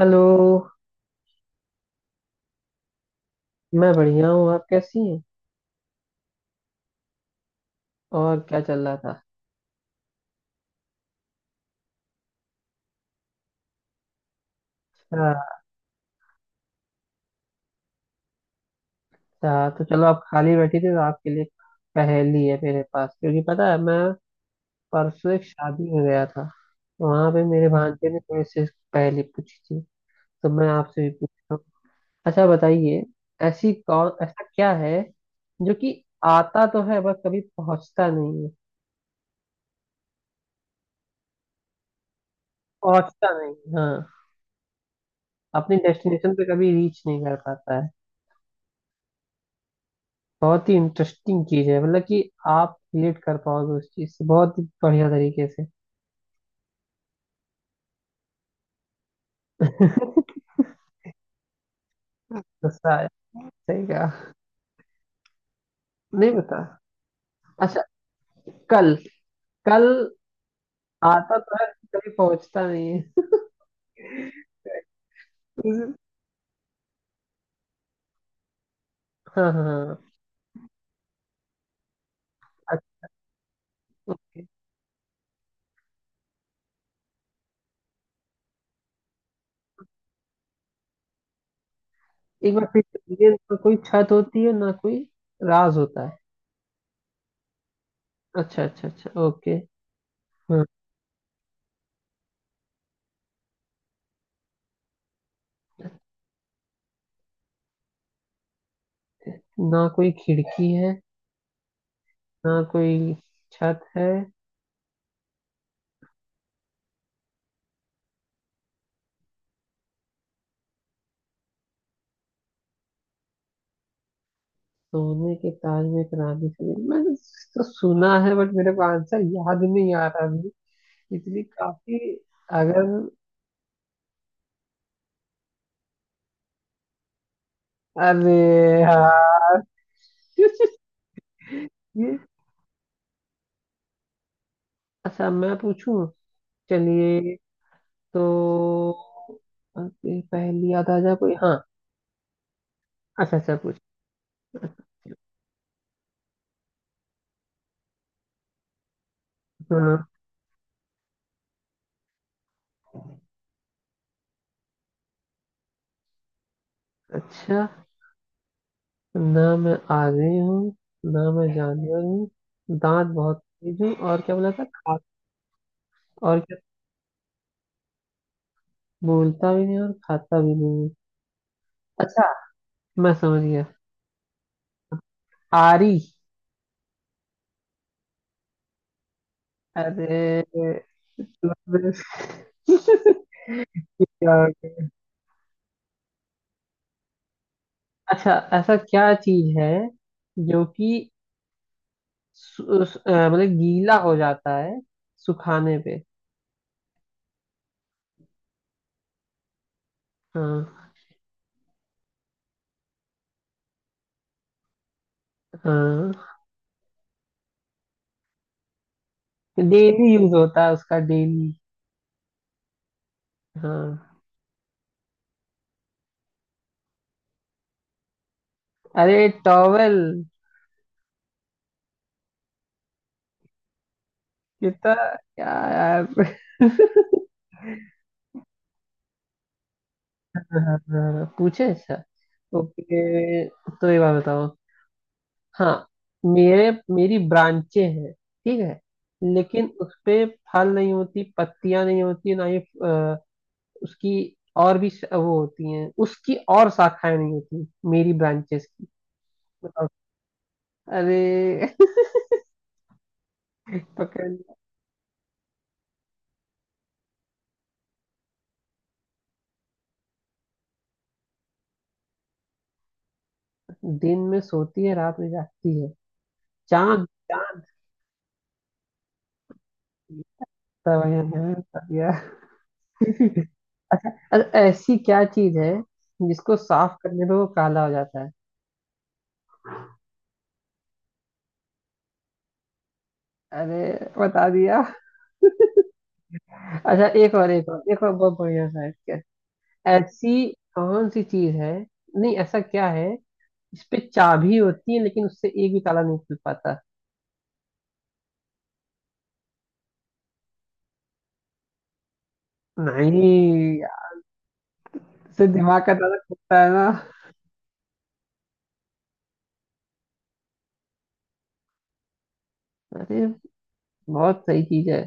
Hello. मैं बढ़िया हूँ। आप कैसी हैं? और क्या चल रहा था? अच्छा। अच्छा, तो चलो आप खाली बैठी थी तो आपके लिए पहेली है मेरे पास, क्योंकि पता है मैं परसों एक शादी में गया था। वहां पे मेरे भांजे ने थोड़ी सी पहेली पूछी थी, तो मैं आपसे भी पूछता हूँ। अच्छा बताइए। ऐसी कौन ऐसा क्या है जो कि आता तो है बस कभी पहुंचता नहीं है? पहुंचता नहीं, हाँ। अपनी डेस्टिनेशन पे कभी रीच नहीं कर पाता है। बहुत ही इंटरेस्टिंग चीज है, मतलब कि आप रिलेट कर पाओगे उस चीज से बहुत ही बढ़िया तरीके से। गुस्सा है। सही कहा। नहीं पता। अच्छा। कल। कल आता तो है, कभी पहुंचता नहीं है। हाँ हाँ हाँ। अच्छा, ओके। एक बार फिर से बोलिए, ना कोई छत होती है ना कोई राज होता है? अच्छा अच्छा अच्छा, ओके। हाँ। ना कोई खिड़की है ना कोई छत है। सोने के ताज में एक रानी थी, मैंने तो सुना है, बट मेरे को आंसर याद नहीं आ रहा अभी, इसलिए काफी। अगर। अरे यार। ये। अच्छा, मैं पूछूं। चलिए। तो ओके, पहली याद आ जाए कोई। हाँ। अच्छा अच्छा, पूछ। हाँ। अच्छा। ना मैं आगे हूँ ना मैं जानवर हूँ, दांत बहुत तेज हूँ, और क्या बोला था, खा? और बोलता भी नहीं और खाता भी नहीं है। अच्छा, मैं समझ गया। आरी। अरे, मतलब। क्या हो गया? अच्छा। ऐसा क्या चीज है जो कि मतलब गीला हो जाता है सुखाने पे? हाँ। हाँ। डेली यूज होता है उसका, डेली। हाँ। अरे टॉवेल। कितना क्या यार। हाँ, हाँ, पूछे। अच्छा, ओके, तो ये बात बताओ। हाँ। मेरे मेरी ब्रांचें हैं, ठीक है, लेकिन उस पे फल नहीं होती, पत्तियां नहीं होती, ना ही उसकी और भी वो होती हैं उसकी, और शाखाएं नहीं होती मेरी ब्रांचेस की। अरे। पकड़। दिन में सोती है रात में जागती है? चांद। चांद, तब यहाँ तब यहाँ। अरे, ऐसी क्या चीज है जिसको साफ करने पे वो काला हो जाता है? अरे बता दिया। अच्छा, एक और एक और एक और, बहुत बढ़िया सा है। ऐसी कौन सी चीज है, नहीं, ऐसा क्या है, इस पे चाबी होती है लेकिन उससे एक भी ताला नहीं खुल पाता? नहीं, इससे दिमाग का ताला खुलता है ना। अरे, बहुत सही चीज है।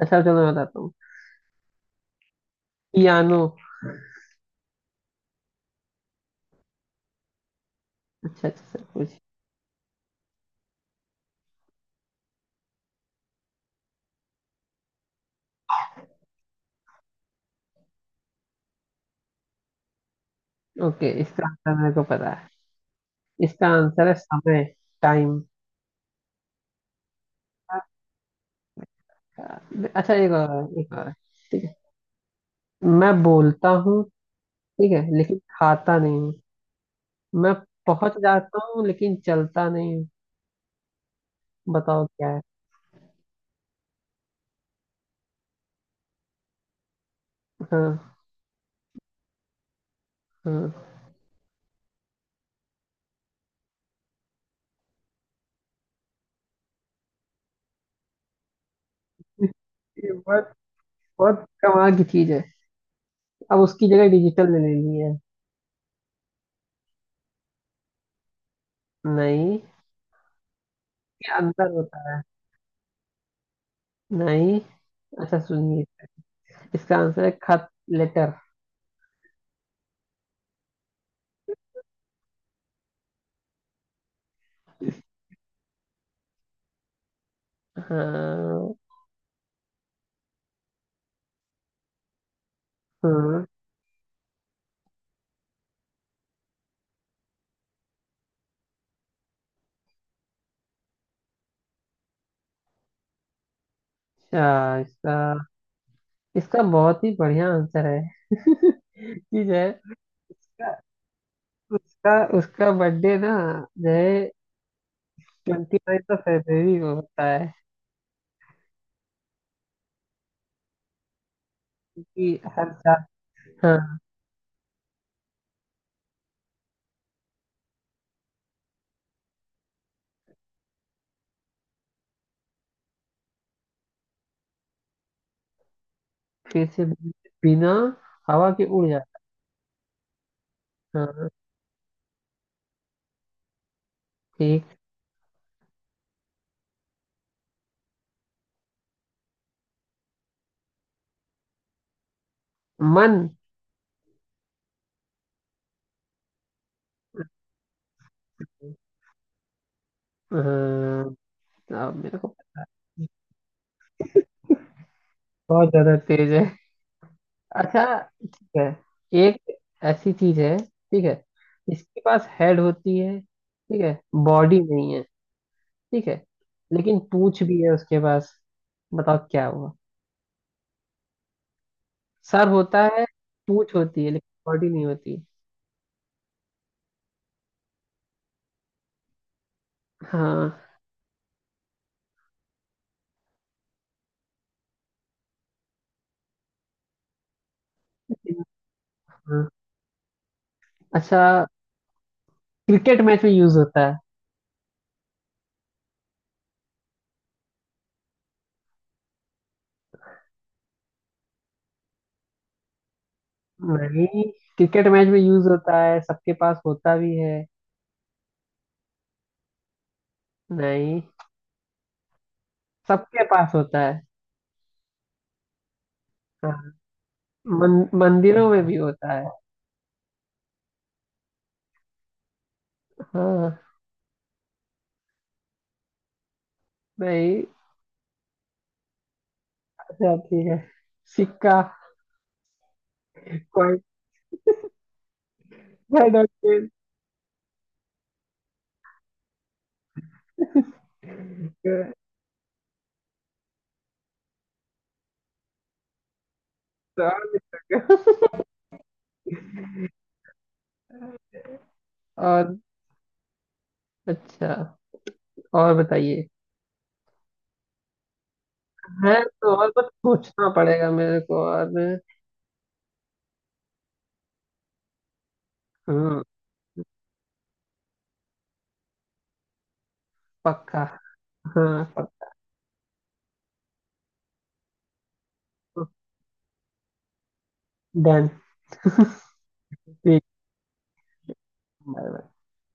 अच्छा चलो, मैं बताता हूँ। पियानो। अच्छा अच्छा, सब कुछ। ओके, इसका आंसर मेरे को पता है। इसका आंसर है समय। टाइम। अच्छा, एक और एक और। ठीक है। मैं बोलता हूँ ठीक है, लेकिन खाता नहीं हूँ, मैं पहुंच जाता हूँ लेकिन चलता नहीं हूँ। बताओ क्या है। हाँ। हाँ। ये बहुत बहुत कमाल की चीज है। अब उसकी जगह डिजिटल ले ली है। नहीं, ये अंतर होता है। नहीं। अच्छा सुनिए, इसका आंसर है खत। लेटर। हाँ। हाँ। अच्छा, इसका इसका बहुत ही बढ़िया आंसर है कि जो है उसका उसका उसका बर्थडे ना, जो है 29th ऑफ फेब्रवरी को होता है, कि हर साल। हाँ। फिर से। बिना हवा के उड़ जाता है। हाँ। ठीक। मन। हाँ, अब मेरे को। बहुत ज्यादा तेज है। अच्छा, ठीक है। एक ऐसी चीज है, ठीक है, इसके पास हेड होती है, ठीक है, बॉडी नहीं है, ठीक है, लेकिन पूंछ भी है उसके पास। बताओ क्या हुआ। सर होता है, पूंछ होती है, लेकिन बॉडी नहीं होती। हाँ। हाँ। अच्छा, क्रिकेट मैच में यूज होता है। नहीं, क्रिकेट मैच में यूज होता है, सबके पास होता भी है। नहीं, सबके पास होता है। हाँ। मन, मंदिरों में भी होता है। हाँ। नहीं। अच्छा ठीक है, सिक्का। कॉइन। हेड और टेल। तो, और भी और। अच्छा, और बताइए। है तो और, बस सोचना पड़ेगा मेरे को, और। हम्म। पक्का। हाँ। डन। ठीक।